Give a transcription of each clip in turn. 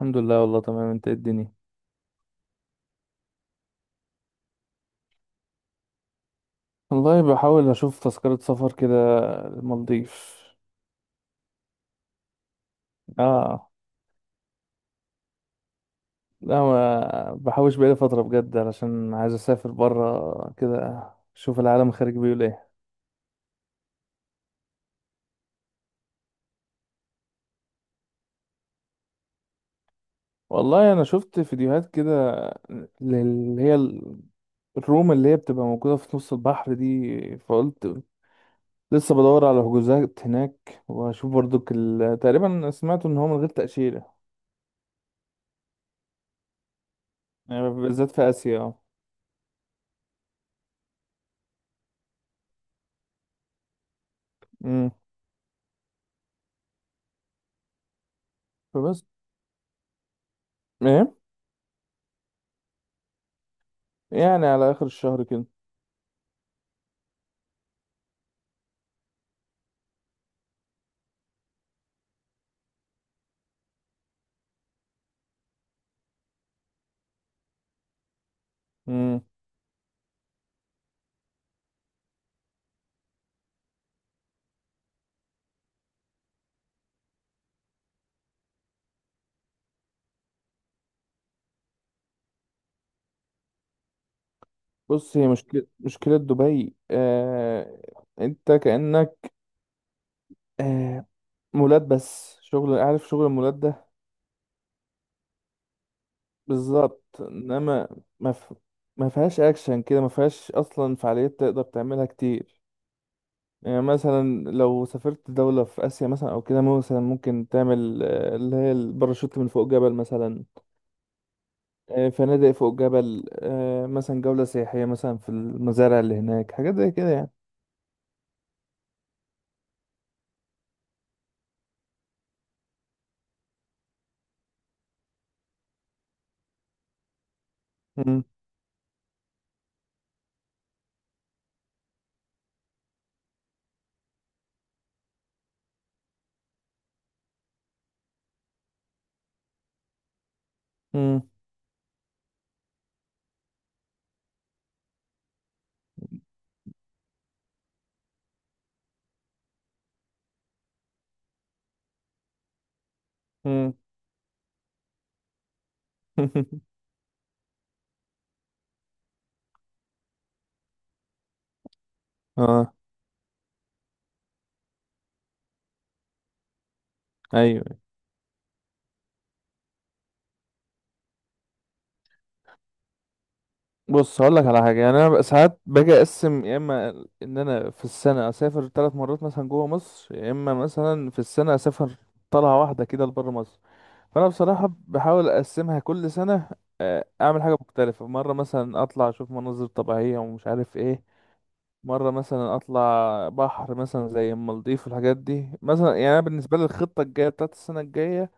الحمد لله، والله تمام. انت ايه الدنيا؟ والله بحاول اشوف تذكرة سفر كده، المالديف. اه. لا، ما بحوش بقالي فترة بجد، علشان عايز اسافر برا كده، اشوف العالم خارج بيقول ايه. والله انا شفت فيديوهات كده، اللي هي الروم اللي هي بتبقى موجودة في نص البحر دي، فقلت لسه بدور على حجوزات هناك، واشوف برضك تقريبا سمعت ان هو من غير تأشيرة. يعني بالذات في اسيا، اه. امم. فبس. ايه؟ يعني على آخر الشهر كده. مم. بص، هي مشكلة دبي، أنت كأنك، آه... مولات، بس شغل، عارف، شغل المولات ده. بالظبط، إنما ما ف... ما فيهاش أكشن كده، ما فيهاش أصلا فعاليات تقدر تعملها كتير. يعني مثلا لو سافرت دولة في آسيا مثلا، أو كده مثلا ممكن تعمل اللي هي الباراشوت من فوق جبل مثلا. فنادق فوق جبل، مثلا جولة سياحية، مثلا في المزارع اللي هناك، حاجات زي كده يعني. مم. مم. اه. ايوه. بص، هقول لك على حاجه، يعني انا بقى ساعات باجي اقسم، يا اما ان انا في السنه اسافر ثلاث مرات مثلا جوه مصر، يا اما مثلا في السنه اسافر طلعه واحده كده لبره مصر. فانا بصراحه بحاول اقسمها كل سنه، اعمل حاجه مختلفه، مره مثلا اطلع اشوف مناظر طبيعيه ومش عارف ايه، مره مثلا اطلع بحر مثلا زي المالديف والحاجات دي. مثلا يعني انا بالنسبه لي الخطه الجايه بتاعت السنه الجايه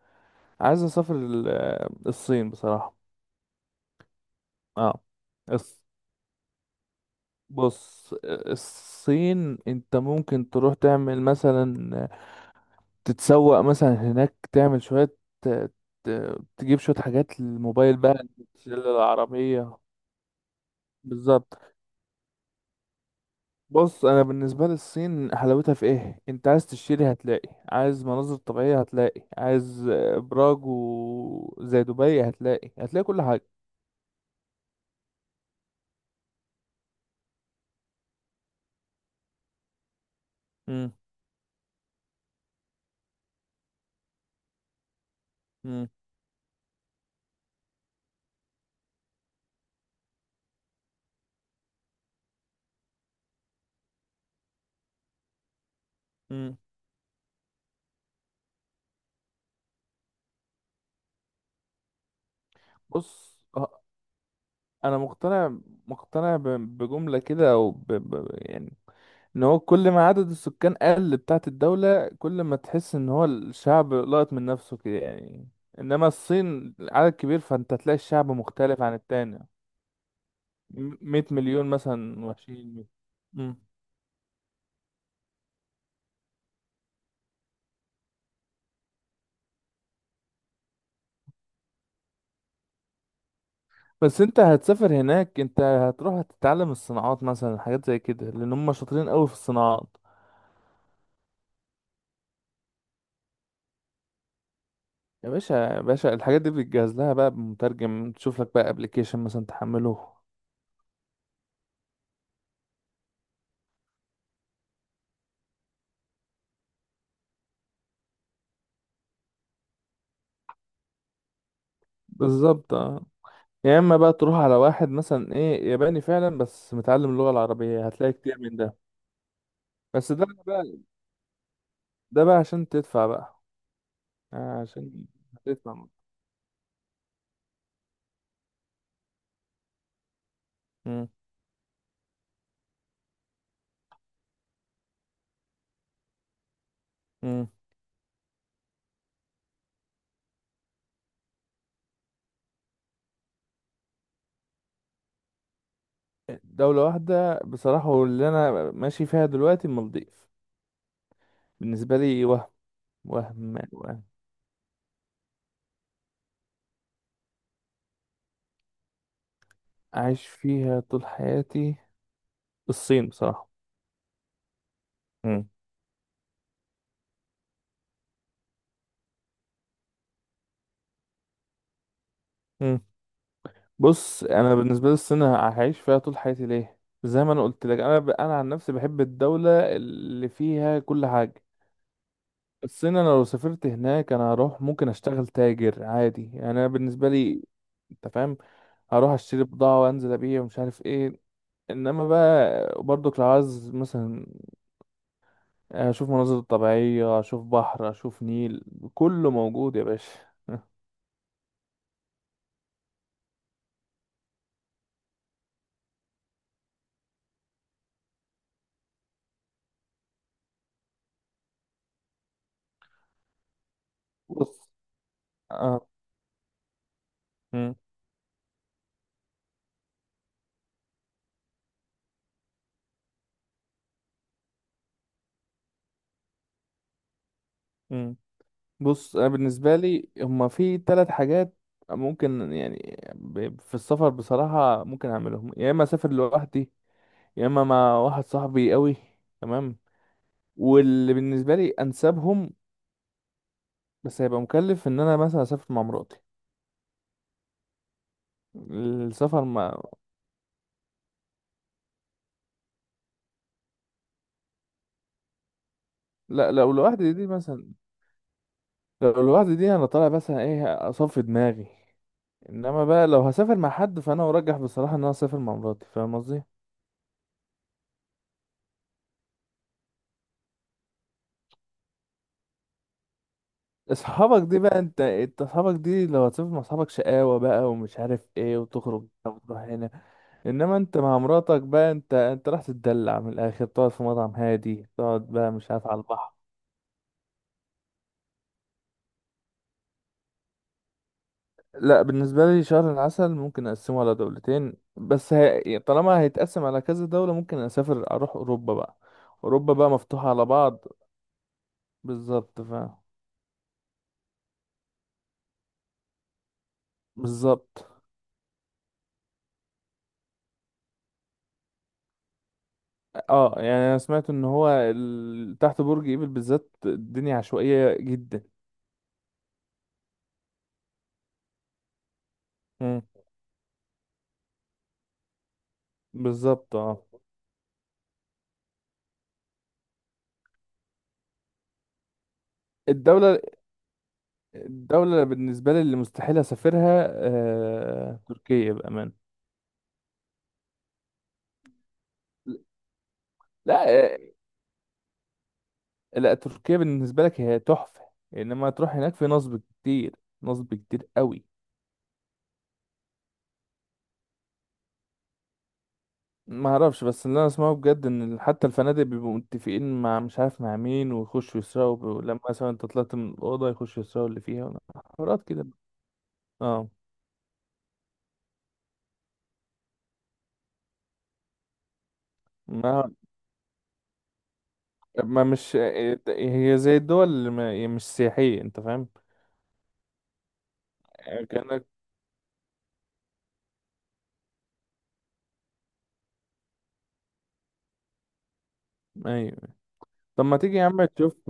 عايز اسافر الصين بصراحه. اه. بص، الصين انت ممكن تروح تعمل مثلا، تتسوق مثلا هناك، تعمل شوية تجيب شوية حاجات للموبايل بقى، تشيل العربية. بالظبط. بص، انا بالنسبة لي الصين حلاوتها في ايه؟ انت عايز تشتري هتلاقي، عايز مناظر طبيعية هتلاقي، عايز ابراج زي دبي هتلاقي كل حاجة. مم. مم. مم. بص، انا مقتنع بجملة كده، او يعني ان هو كل ما عدد السكان قل بتاعت الدولة، كل ما تحس ان هو الشعب لقط من نفسه كده يعني. انما الصين عدد كبير، فانت تلاقي الشعب مختلف عن التاني. 100 مليون مثلا وحشين. مم. بس انت هتسافر هناك، انت هتروح هتتعلم الصناعات مثلا، حاجات زي كده، لان هم شاطرين قوي في الصناعات. يا باشا، يا باشا، الحاجات دي بتجهز لها بقى بمترجم، تشوف لك بقى ابلكيشن مثلا تحمله. بالظبط. يا اما بقى تروح على واحد مثلا ايه، ياباني فعلا بس متعلم اللغة العربية، هتلاقي كتير من ده. بس ده بقى عشان تدفع بقى. عشان هتدفع. مم. مم. دولة واحدة بصراحة، واللي انا ماشي فيها دلوقتي المالديف بالنسبة لي. وهم عايش فيها طول حياتي. الصين بصراحة. مم. مم. بص، انا بالنسبة لي الصين هعيش فيها طول حياتي ليه؟ زي ما انا قلت لك، انا عن نفسي بحب الدولة اللي فيها كل حاجة. بس انا لو سافرت هناك، انا هروح ممكن اشتغل تاجر عادي، يعني انا بالنسبه لي انت فاهم، هروح اشتري بضاعه وانزل ابيع ومش عارف ايه. انما بقى برضك لو عايز مثلا اشوف مناظر طبيعيه، اشوف بحر، اشوف نيل، كله موجود يا باشا. بص، اه. مم. مم. بص، انا بالنسبه لي هما في ثلاث حاجات ممكن، يعني في السفر بصراحه ممكن اعملهم، يا اما اسافر لوحدي، يا اما مع واحد صاحبي قوي، تمام. واللي بالنسبة لي أنسبهم، بس هيبقى مكلف، إن أنا مثلا أسافر مع مراتي. السفر ما. لا، لو لوحدي دي أنا طالع مثلا إيه أصفي دماغي. إنما بقى لو هسافر مع حد، فأنا أرجح بصراحة إن أنا أسافر مع مراتي، فاهم قصدي؟ أصحابك دي بقى، أنت أصحابك دي لو هتسافر مع أصحابك شقاوة بقى ومش عارف إيه، وتخرج هنا وتروح هنا. إنما أنت مع مراتك بقى، أنت راح تتدلع من الآخر، تقعد في مطعم هادي، تقعد بقى مش عارف على البحر. لا، بالنسبة لي شهر العسل ممكن أقسمه على دولتين، بس طالما هيتقسم على كذا دولة، ممكن أسافر أروح أوروبا بقى. أوروبا بقى مفتوحة على بعض. بالظبط ف بالظبط. اه، يعني أنا سمعت إن هو تحت برج إيفل بالذات الدنيا عشوائية جدا. مم. بالظبط، اه. الدولة الدولة بالنسبة لي اللي مستحيل أسافرها، تركيا بأمان. لا، لا تركيا بالنسبة لك هي تحفة، انما تروح هناك في نصب كتير، نصب كتير قوي. ما اعرفش، بس اللي انا اسمعه بجد ان حتى الفنادق بيبقوا متفقين مع مش عارف مع مين، ويخشوا يسرقوا ولما مثلا انت طلعت من الأوضة يخشوا يسرقوا اللي فيها، حوارات كده. اه. ما ما مش. هي زي الدول اللي هي مش سياحية، انت فاهم، كأنك. ايوه. طب ما تيجي يا عم تشوف.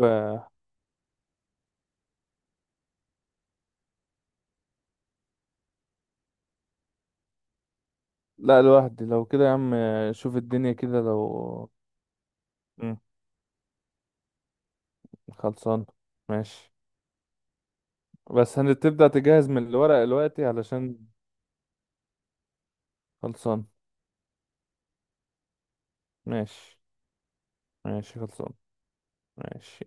لا، لوحدي، لو كده يا عم شوف الدنيا كده، لو مم، خلصان. ماشي. بس هتبدأ تجهز من الورق دلوقتي علشان خلصان. ماشي، ماشي، خلصان، ماشي.